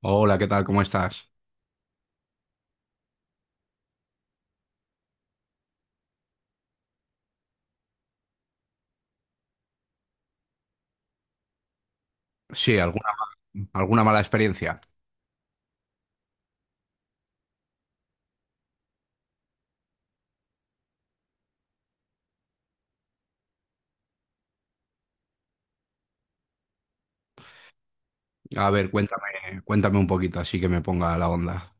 Hola, ¿qué tal? ¿Cómo estás? Sí, alguna mala experiencia. A ver, cuéntame un poquito, así que me ponga la onda.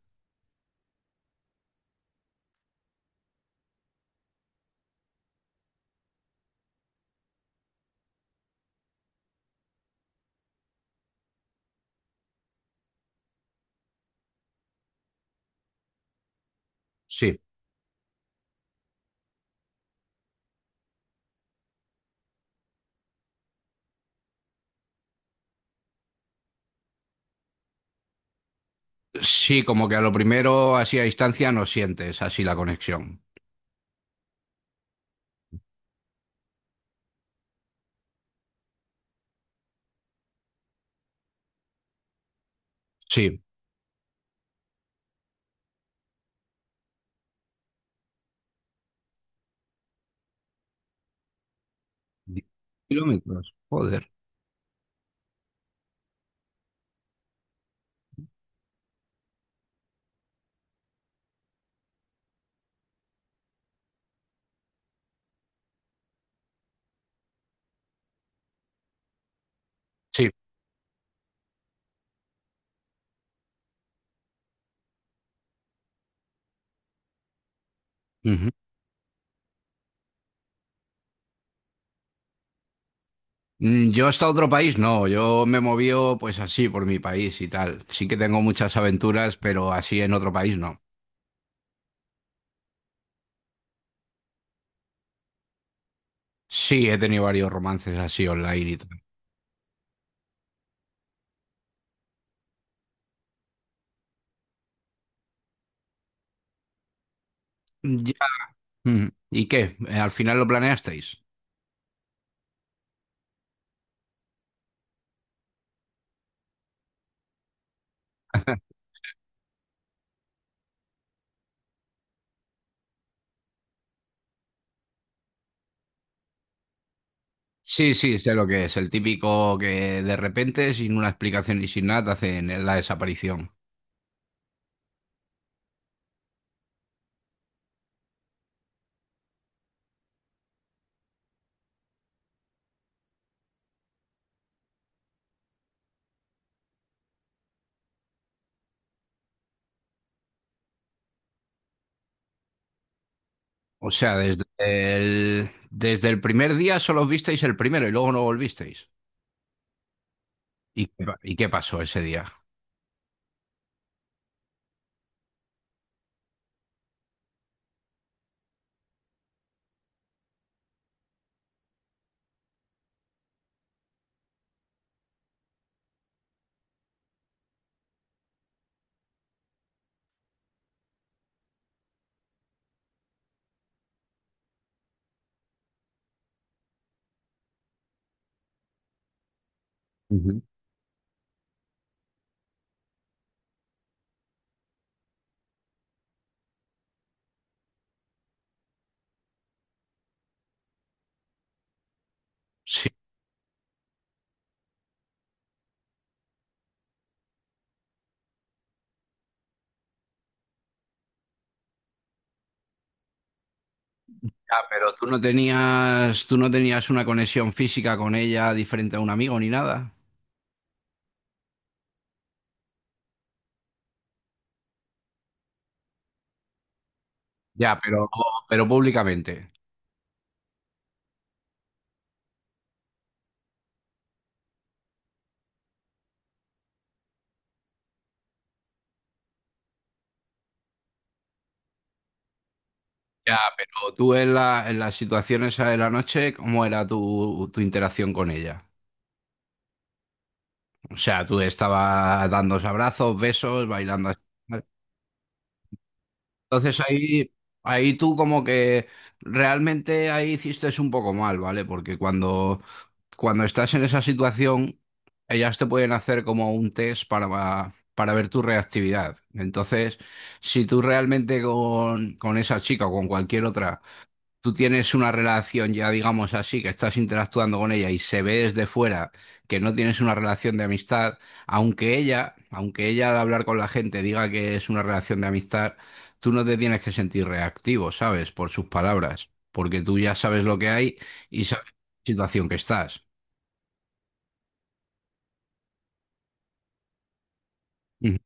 Sí, sí, como que a lo primero, así a distancia, no sientes así la conexión. Sí. 10 kilómetros, joder. Sí. Ujú. Yo hasta otro país, no, yo me moví pues así por mi país y tal. Sí que tengo muchas aventuras, pero así en otro país no. Sí, he tenido varios romances así online y tal. Ya. ¿Y qué? ¿Al final lo planeasteis? Sí, sí, sé lo que es. El típico que de repente, sin una explicación y sin nada, te hacen la desaparición. O sea, desde el primer día solo os visteis el primero y luego no volvisteis. ¿ Y qué pasó ese día? Ujú. Sí, ah, pero tú no tenías una conexión física con ella diferente a un amigo ni nada. Ya, pero públicamente. Ya, pero tú en las situaciones de la noche, ¿cómo era tu interacción con ella? O sea, tú estaba dándose abrazos, besos, bailando. Así. ¿Vale? Entonces ahí tú como que realmente ahí hiciste un poco mal, ¿vale? Porque cuando estás en esa situación, ellas te pueden hacer como un test para ver tu reactividad. Entonces, si tú realmente con esa chica o con cualquier otra tú tienes una relación ya, digamos así, que estás interactuando con ella y se ve desde fuera que no tienes una relación de amistad, aunque ella al hablar con la gente diga que es una relación de amistad, tú no te tienes que sentir reactivo, ¿sabes? Por sus palabras, porque tú ya sabes lo que hay y sabes la situación que estás. Ujú.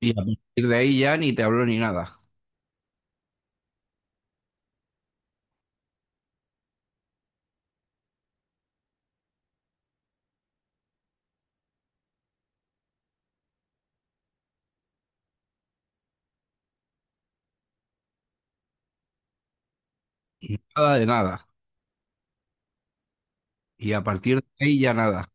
Y a partir de ahí ya ni te habló ni nada, nada de nada. Y a partir de ahí ya nada.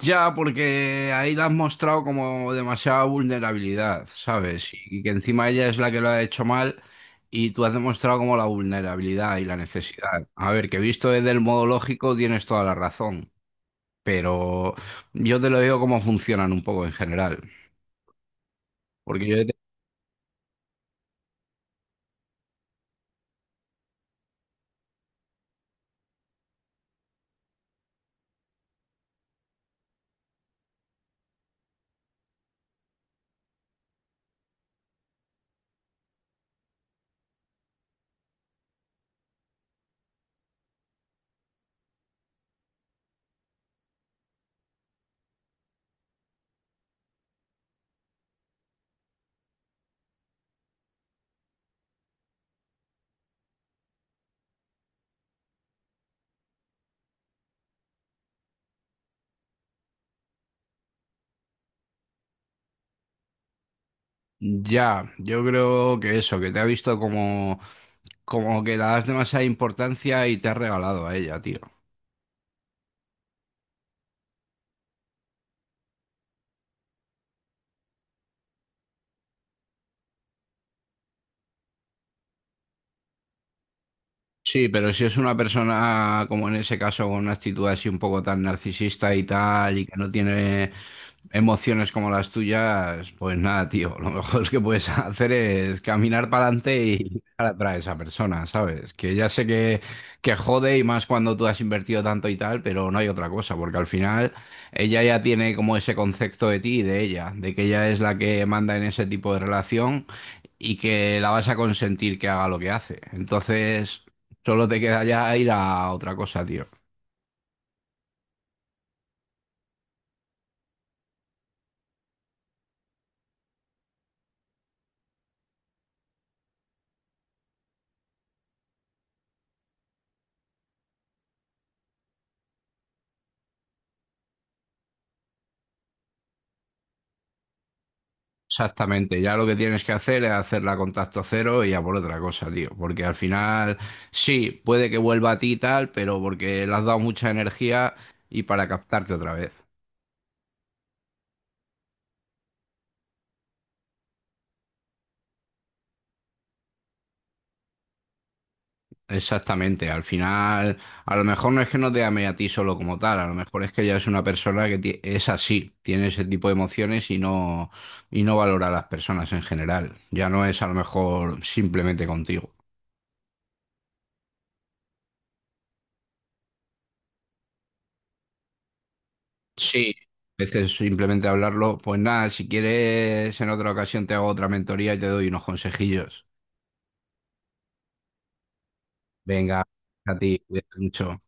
Ya, porque ahí la has mostrado como demasiada vulnerabilidad, ¿sabes? Y que encima ella es la que lo ha hecho mal y tú has demostrado como la vulnerabilidad y la necesidad. A ver, que visto desde el modo lógico tienes toda la razón, pero yo te lo digo cómo funcionan un poco en general. Porque yo te- ya, yo creo que eso, que te ha visto como que le das demasiada importancia y te has regalado a ella, tío. Sí, pero si es una persona, como en ese caso, con una actitud así un poco tan narcisista y tal, y que no tiene emociones como las tuyas, pues nada, tío, lo mejor que puedes hacer es caminar para adelante y dejar atrás a esa persona, ¿sabes? Que ya sé que jode y más cuando tú has invertido tanto y tal, pero no hay otra cosa, porque al final ella ya tiene como ese concepto de ti y de ella, de que ella es la que manda en ese tipo de relación y que la vas a consentir que haga lo que hace. Entonces... Solo te queda ya ir a otra cosa, tío. Exactamente, ya lo que tienes que hacer es hacerla a contacto cero y a por otra cosa, tío. Porque al final, sí, puede que vuelva a ti y tal, pero porque le has dado mucha energía y para captarte otra vez. Exactamente, al final, a lo mejor no es que no te ame a ti solo como tal, a lo mejor es que ya es una persona es así, tiene ese tipo de emociones y no valora a las personas en general. Ya no es a lo mejor simplemente contigo. Sí, a veces simplemente hablarlo, pues nada, si quieres en otra ocasión te hago otra mentoría y te doy unos consejillos. Venga, a ti, cuídate mucho.